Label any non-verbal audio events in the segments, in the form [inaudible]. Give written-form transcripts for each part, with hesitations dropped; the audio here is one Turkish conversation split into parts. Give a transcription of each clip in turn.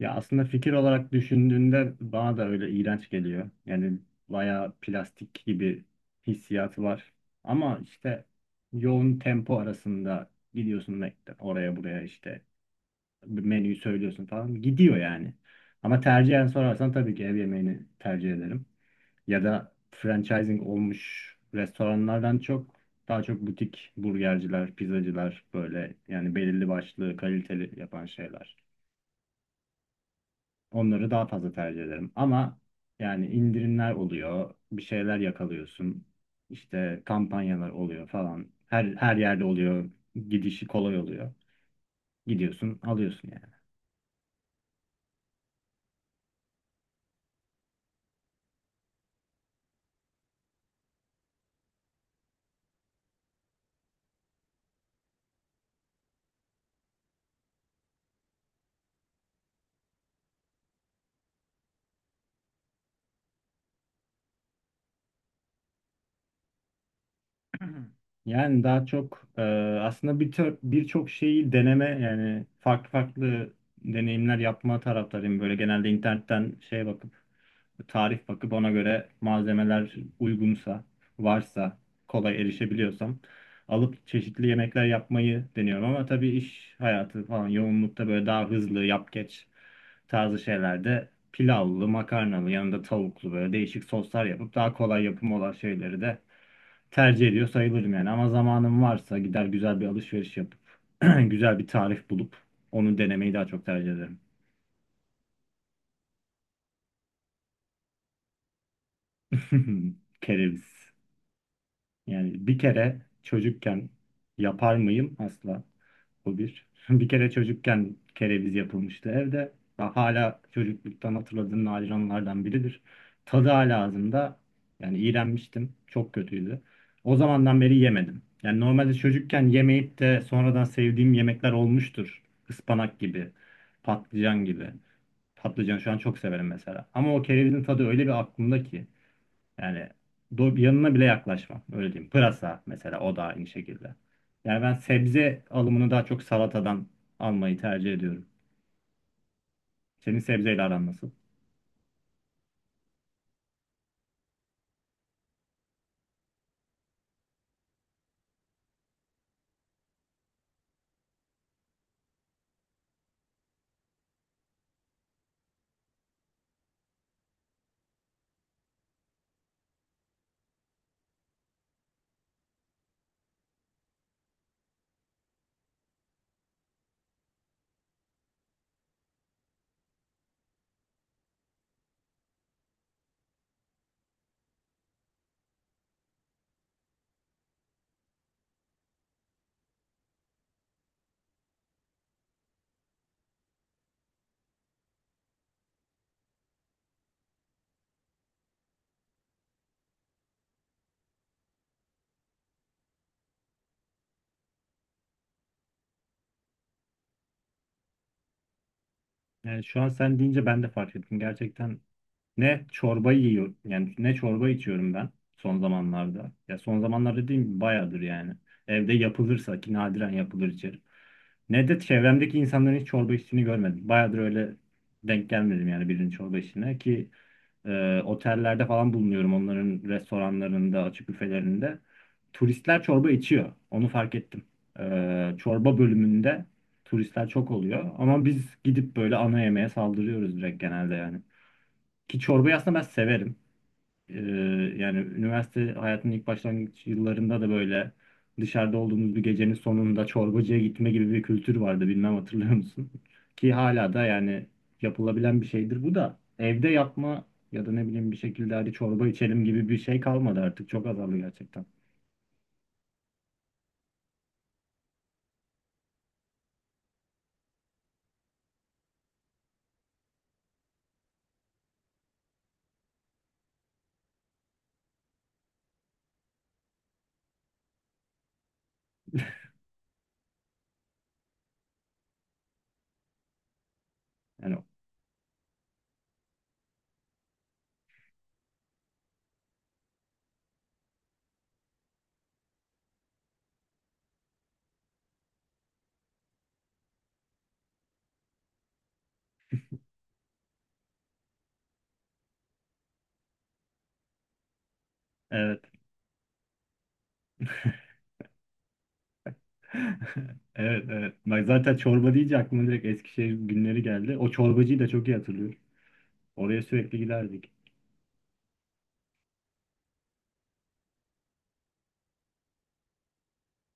Ya aslında fikir olarak düşündüğünde bana da öyle iğrenç geliyor. Yani bayağı plastik gibi hissiyatı var. Ama işte yoğun tempo arasında gidiyorsun oraya buraya işte menüyü söylüyorsun falan gidiyor yani. Ama tercihen sorarsan tabii ki ev yemeğini tercih ederim. Ya da franchising olmuş restoranlardan çok daha çok butik burgerciler, pizzacılar böyle yani belirli başlı kaliteli yapan şeyler. Onları daha fazla tercih ederim. Ama yani indirimler oluyor, bir şeyler yakalıyorsun. İşte kampanyalar oluyor falan. Her yerde oluyor. Gidişi kolay oluyor. Gidiyorsun, alıyorsun yani. Yani daha çok aslında birçok şeyi deneme yani farklı farklı deneyimler yapma taraftarıyım. Böyle genelde internetten şeye bakıp tarif bakıp ona göre malzemeler uygunsa, varsa, kolay erişebiliyorsam alıp çeşitli yemekler yapmayı deniyorum. Ama tabii iş hayatı falan yoğunlukta böyle daha hızlı yap geç tarzı şeylerde pilavlı, makarnalı, yanında tavuklu böyle değişik soslar yapıp daha kolay yapım olan şeyleri de tercih ediyor sayılırım yani. Ama zamanım varsa gider güzel bir alışveriş yapıp [clears throat] güzel bir tarif bulup onu denemeyi daha çok tercih ederim. [laughs] Kereviz. Yani bir kere çocukken yapar mıyım asla. Bu bir. [laughs] Bir kere çocukken kereviz yapılmıştı evde. Hala çocukluktan hatırladığım nadir anılardan biridir. Tadı hala ağzımda. Yani iğrenmiştim. Çok kötüydü. O zamandan beri yemedim. Yani normalde çocukken yemeyip de sonradan sevdiğim yemekler olmuştur. Ispanak gibi, patlıcan gibi. Patlıcan şu an çok severim mesela. Ama o kerevizin tadı öyle bir aklımda ki. Yani yanına bile yaklaşmam. Öyle diyeyim. Pırasa mesela, o da aynı şekilde. Yani ben sebze alımını daha çok salatadan almayı tercih ediyorum. Senin sebzeyle aran nasıl? Yani şu an sen deyince ben de fark ettim. Gerçekten ne çorba yiyor yani ne çorba içiyorum ben son zamanlarda. Ya son zamanlarda dediğim gibi bayağıdır yani. Evde yapılırsa ki nadiren yapılır içerim. Ne de çevremdeki insanların hiç çorba içtiğini görmedim. Bayağıdır öyle denk gelmedim yani birinin çorba içtiğine ki otellerde falan bulunuyorum, onların restoranlarında, açık büfelerinde. Turistler çorba içiyor. Onu fark ettim. Çorba bölümünde turistler çok oluyor. Ama biz gidip böyle ana yemeğe saldırıyoruz direkt genelde yani. Ki çorbayı aslında ben severim. Ee, yani üniversite hayatının ilk başlangıç yıllarında da böyle dışarıda olduğumuz bir gecenin sonunda çorbacıya gitme gibi bir kültür vardı. Bilmem hatırlıyor musun? [laughs] Ki hala da yani yapılabilen bir şeydir bu da. Evde yapma ya da ne bileyim bir şekilde hadi çorba içelim gibi bir şey kalmadı artık. Çok azaldı gerçekten. Yani evet. [laughs] Evet, evet. Bak, zaten çorba deyince aklıma direkt Eskişehir günleri geldi. O çorbacıyı da çok iyi hatırlıyorum. Oraya sürekli giderdik.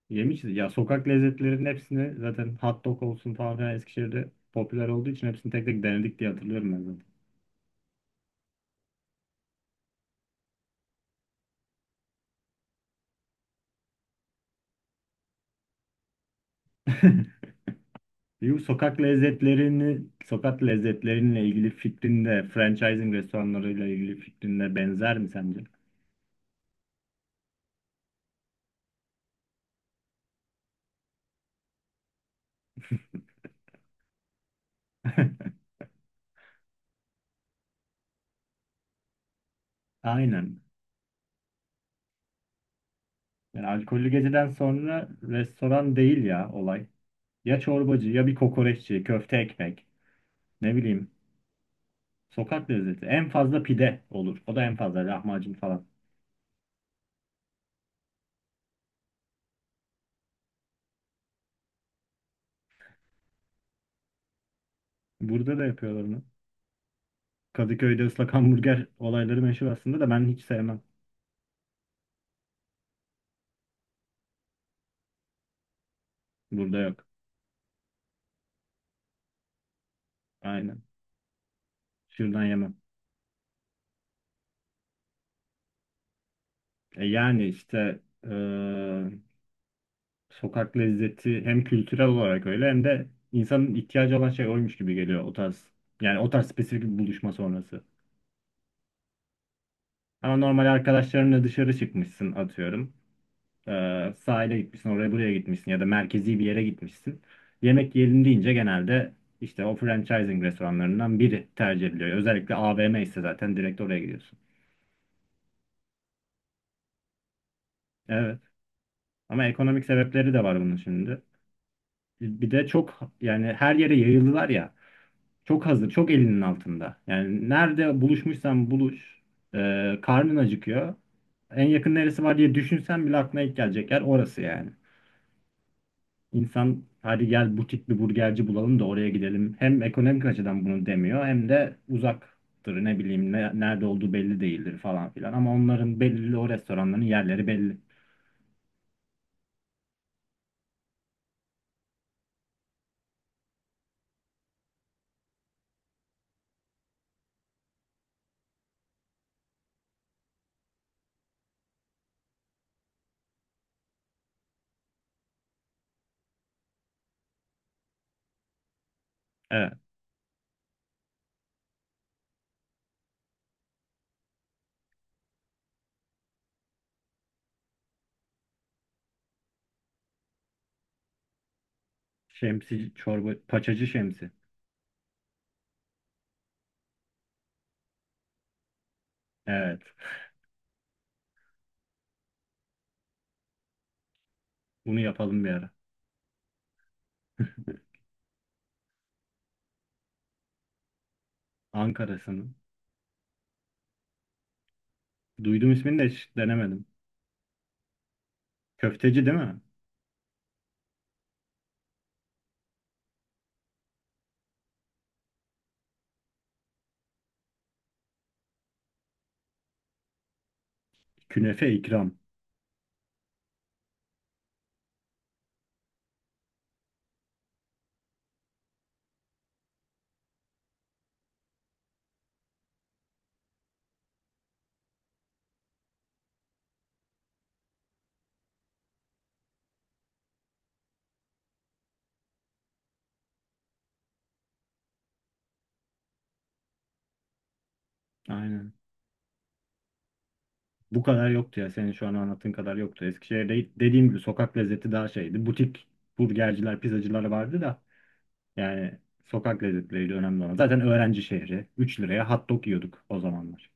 Yemişiz. Ya sokak lezzetlerinin hepsini zaten, hot dog olsun falan filan, Eskişehir'de popüler olduğu için hepsini tek tek denedik diye hatırlıyorum ben zaten. [laughs] Bu sokak lezzetlerini, sokak lezzetlerinle ilgili fikrinde, franchising restoranlarıyla ilgili fikrinde benzer mi sence? [laughs] Aynen. Yani alkollü geceden sonra restoran değil ya olay. Ya çorbacı ya bir kokoreççi, köfte ekmek, ne bileyim. Sokak lezzeti. En fazla pide olur. O da en fazla lahmacun falan. Burada da yapıyorlar onu. Kadıköy'de ıslak hamburger olayları meşhur aslında da ben hiç sevmem. Burada yok. Aynen. Şuradan yemem. E yani işte e, sokak lezzeti hem kültürel olarak öyle hem de insanın ihtiyacı olan şey oymuş gibi geliyor o tarz. Yani o tarz spesifik bir buluşma sonrası. Ama normal arkadaşlarınla dışarı çıkmışsın atıyorum. Sahile gitmişsin, oraya buraya gitmişsin ya da merkezi bir yere gitmişsin. Yemek yiyelim deyince genelde işte o franchising restoranlarından biri tercih ediliyor. Özellikle AVM ise zaten direkt oraya gidiyorsun. Evet. Ama ekonomik sebepleri de var bunun şimdi. Bir de çok yani her yere yayıldılar ya. Çok hazır, çok elinin altında. Yani nerede buluşmuşsan buluş. Karnın acıkıyor. En yakın neresi var diye düşünsen bile aklına ilk gelecek yer orası yani. İnsan hadi gel butik bir burgerci bulalım da oraya gidelim. Hem ekonomik açıdan bunu demiyor, hem de uzaktır, ne bileyim, nerede olduğu belli değildir falan filan. Ama onların belli, o restoranların yerleri belli. Evet. Şemsi çorba paçacı şemsi. Evet. Bunu yapalım bir ara. Ankara'sının. Duydum ismini de hiç denemedim. Köfteci değil mi? Künefe ikram. Aynen. Bu kadar yoktu ya. Senin şu an anlattığın kadar yoktu. Eskişehir'de dediğim gibi sokak lezzeti daha şeydi. Butik burgerciler, pizzacılar vardı da. Yani sokak lezzetleriydi önemli olan. Zaten öğrenci şehri. 3 liraya hot dog yiyorduk o zamanlar.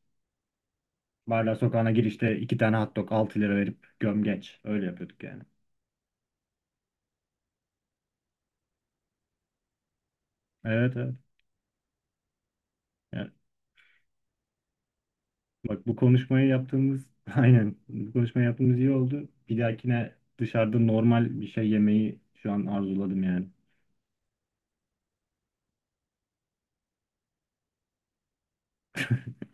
Barla sokağına girişte 2 tane hot dog 6 lira verip gömgeç. Öyle yapıyorduk yani. Evet, evet. Yani bak bu konuşmayı yaptığımız, [laughs] aynen bu konuşmayı yaptığımız iyi oldu. Bir dahakine dışarıda normal bir şey yemeyi şu an arzuladım yani.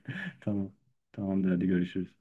[laughs] Tamam. Tamamdır, hadi görüşürüz.